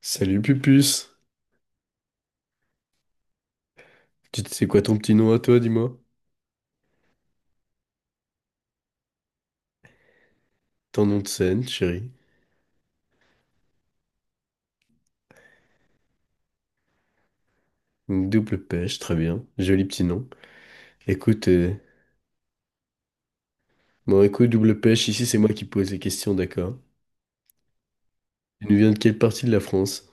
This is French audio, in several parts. Salut Pupus, tu sais quoi ton petit nom à toi, dis-moi? Ton nom de scène, chérie. Une double pêche, très bien. Joli petit nom. Écoute, euh, bon écoute, double pêche, ici c'est moi qui pose les questions, d'accord? Tu nous viens de quelle partie de la France?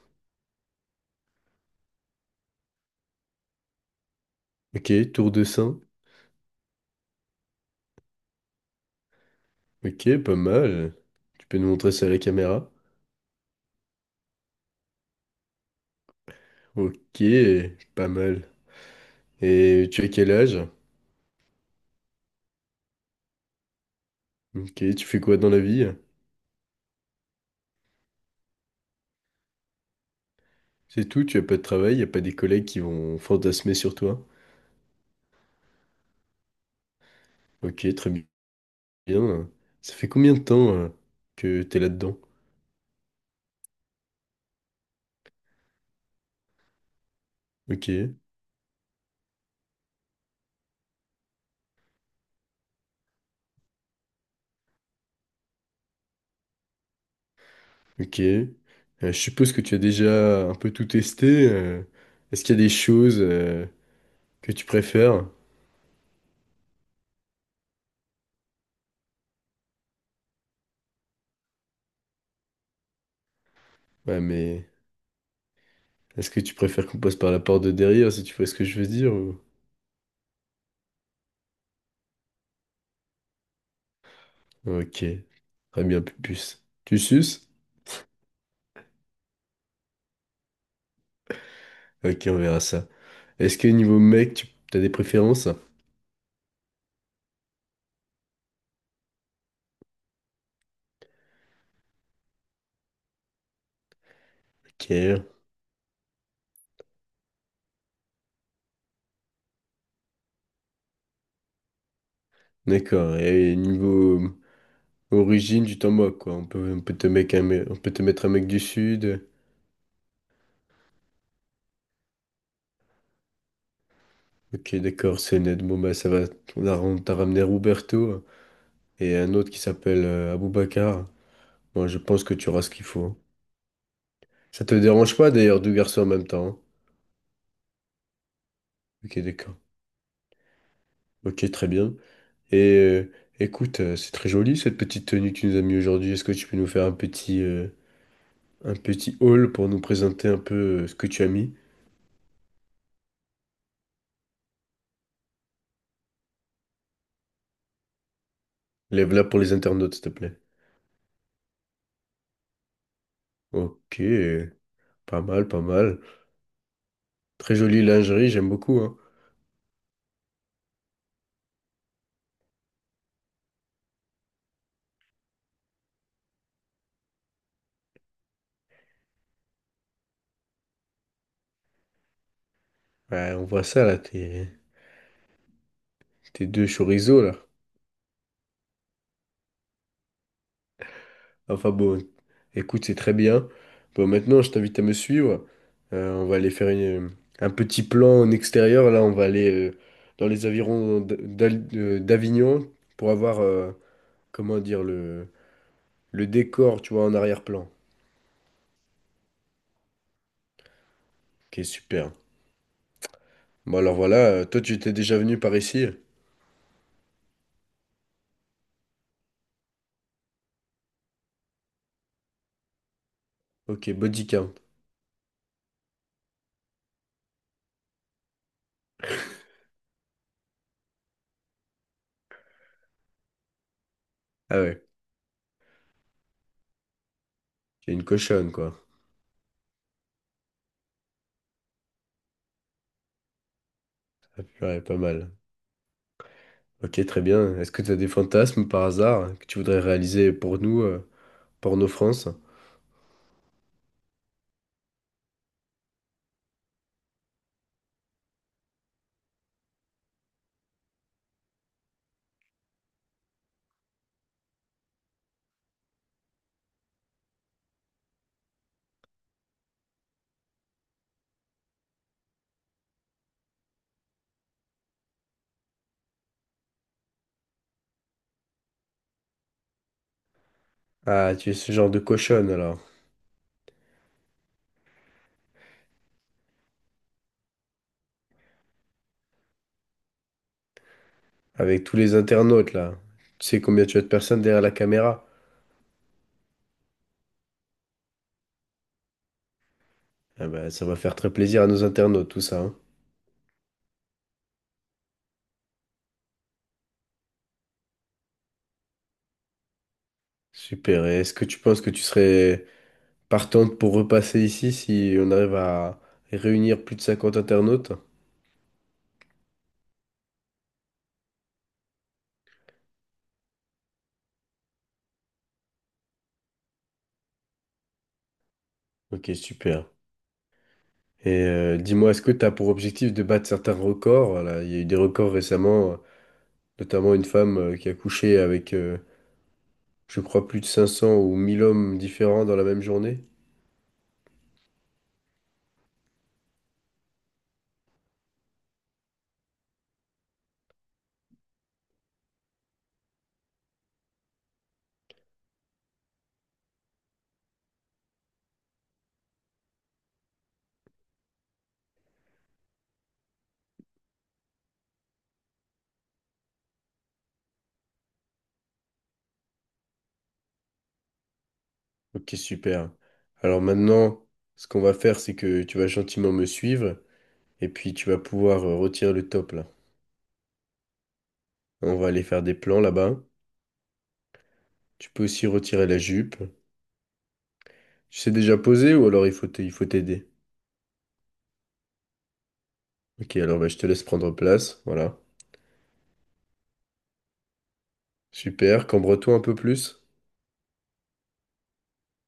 Ok, Tour de Saint. Ok, pas mal. Tu peux nous montrer ça à la caméra? Ok, pas mal. Et tu as quel âge? Ok, tu fais quoi dans la vie? C'est tout, tu as pas de travail, y a pas des collègues qui vont fantasmer sur toi? Ok, très bien. Bien, ça fait combien de temps que t'es là-dedans? Ok, ok. Je suppose que tu as déjà un peu tout testé. Est-ce qu'il y a des choses que tu préfères? Ouais, mais est-ce que tu préfères qu'on passe par la porte de derrière, si tu vois ce que je veux dire? Ou- Ok, très bien, pupus. Tu suces? Ok, on verra ça. Est-ce que niveau mec, tu as des préférences? Ok, d'accord. Et niveau origine, tu t'en moques, quoi. On peut te mec un mec- on peut te mettre un mec du sud. Ok, d'accord, c'est net. Bon, bah, ça va. On t'a ramené Roberto et un autre qui s'appelle Aboubacar. Moi, je pense que tu auras ce qu'il faut. Hein. Ça te dérange pas d'ailleurs, deux garçons en même temps. Hein Ok, d'accord. Ok, très bien. Et écoute, c'est très joli cette petite tenue que tu nous as mis aujourd'hui. Est-ce que tu peux nous faire un un petit haul pour nous présenter un peu ce que tu as mis? Lève-la pour les internautes, s'il te plaît. Ok, pas mal, pas mal. Très jolie lingerie, j'aime beaucoup, hein. Ouais, on voit ça là, tes deux chorizo là. Enfin bon, écoute, c'est très bien. Bon, maintenant, je t'invite à me suivre. On va aller un petit plan en extérieur. Là, on va aller dans les environs d'Avignon pour avoir, comment dire, le décor, tu vois, en arrière-plan, qui est super. Bon, alors voilà, toi, tu t'es déjà venu par ici? Ok, body count. Ah ouais, t'es une cochonne, quoi. Ouais, pas mal. Ok, très bien. Est-ce que tu as des fantasmes par hasard que tu voudrais réaliser pour nous, pour nos France? Ah, tu es ce genre de cochonne alors, avec tous les internautes là. Tu sais combien tu as de personnes derrière la caméra? Ah bah, ça va faire très plaisir à nos internautes tout ça. Hein. Super. Et est-ce que tu penses que tu serais partante pour repasser ici si on arrive à réunir plus de 50 internautes? Ok, super. Et dis-moi, est-ce que tu as pour objectif de battre certains records? Voilà, il y a eu des records récemment, notamment une femme qui a couché avec, je crois, plus de 500 ou 1000 hommes différents dans la même journée. Ok, super. Alors maintenant, ce qu'on va faire, c'est que tu vas gentiment me suivre et puis tu vas pouvoir retirer le top là. On va aller faire des plans là-bas. Tu peux aussi retirer la jupe. Tu sais déjà poser ou alors il faut t'aider. Ok, alors bah, je te laisse prendre place. Voilà. Super. Cambre-toi un peu plus.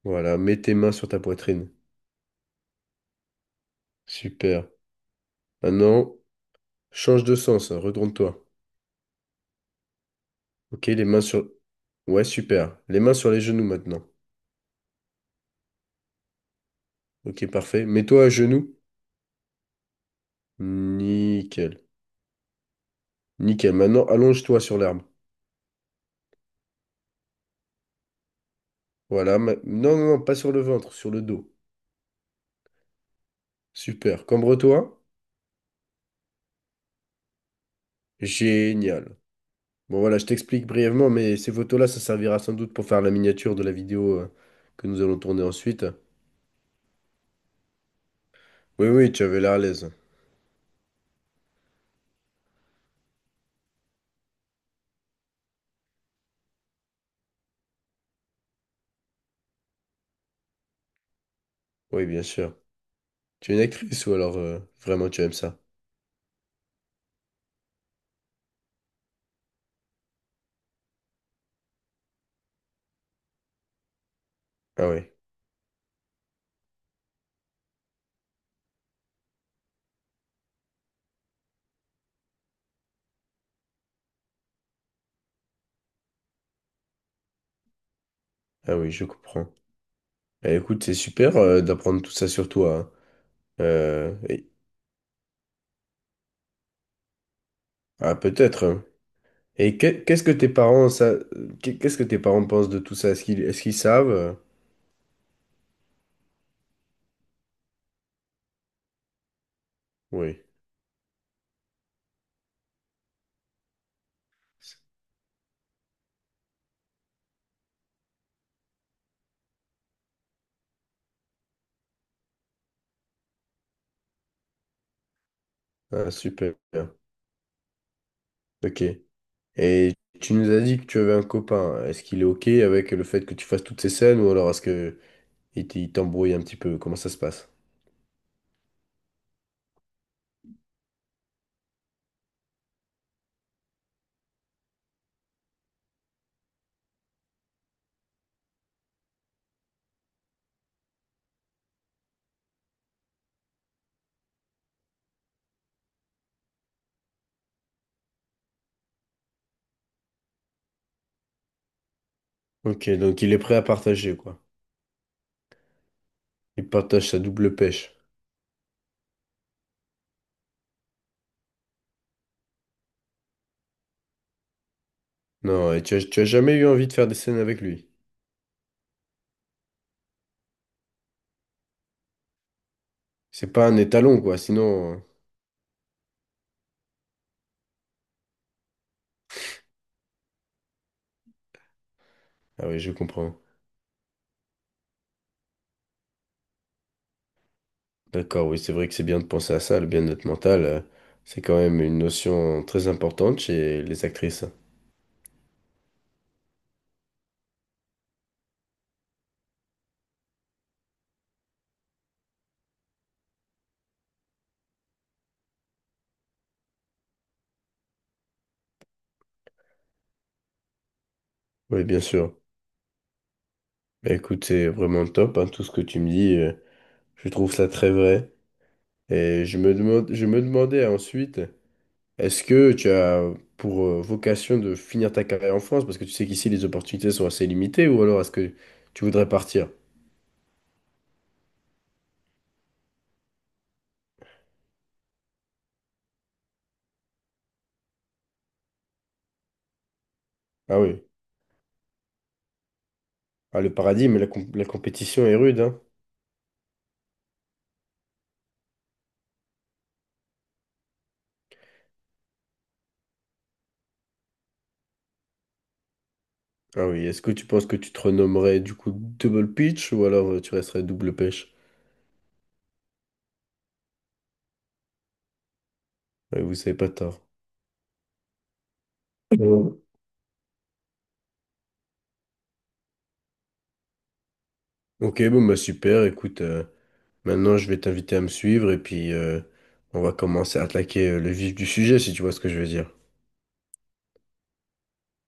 Voilà. Mets tes mains sur ta poitrine. Super. Maintenant, change de sens. Hein, Retourne-toi. Ok, les mains sur... Ouais, super. Les mains sur les genoux maintenant. Ok, parfait. Mets-toi à genoux. Nickel. Nickel. Maintenant, allonge-toi sur l'arme. Voilà. ma- Non, non, non, pas sur le ventre, sur le dos. Super. Cambre-toi. Génial. Bon, voilà, je t'explique brièvement, mais ces photos-là, ça servira sans doute pour faire la miniature de la vidéo que nous allons tourner ensuite. Oui, oui, tu avais l'air à l'aise. Oui, bien sûr. Tu es une actrice ou alors vraiment tu aimes ça? Ah oui. Ah oui, je comprends. Eh, écoute, c'est super d'apprendre tout ça sur toi. Hein. Euh, et- Ah, peut-être. Hein. Qu'est-ce que tes parents, qu'est-ce que tes parents pensent de tout ça? Est-ce qu'ils savent? Oui. Ah, super. Ok. Et tu nous as dit que tu avais un copain. Est-ce qu'il est ok avec le fait que tu fasses toutes ces scènes ou alors est-ce que il t'embrouille un petit peu? Comment ça se passe? Ok, donc il est prêt à partager, quoi. Il partage sa double pêche. Non, et tu as jamais eu envie de faire des scènes avec lui. C'est pas un étalon, quoi, sinon... Ah oui, je comprends. D'accord, oui, c'est vrai que c'est bien de penser à ça, le bien-être mental, c'est quand même une notion très importante chez les actrices. Oui, bien sûr. Bah, écoute, c'est vraiment top, hein, tout ce que tu me dis, je trouve ça très vrai. Et je me demandais ensuite, est-ce que tu as pour vocation de finir ta carrière en France? Parce que tu sais qu'ici, les opportunités sont assez limitées, ou alors est-ce que tu voudrais partir? Ah oui, ah, le paradis, mais la compétition est rude, hein. Ah oui, est-ce que tu penses que tu te renommerais du coup Double Pitch ou alors tu resterais Double Pêche? Ouais, vous savez pas tort. Mm. Ok, bon bah super, écoute, maintenant je vais t'inviter à me suivre et puis on va commencer à attaquer le vif du sujet si tu vois ce que je veux dire.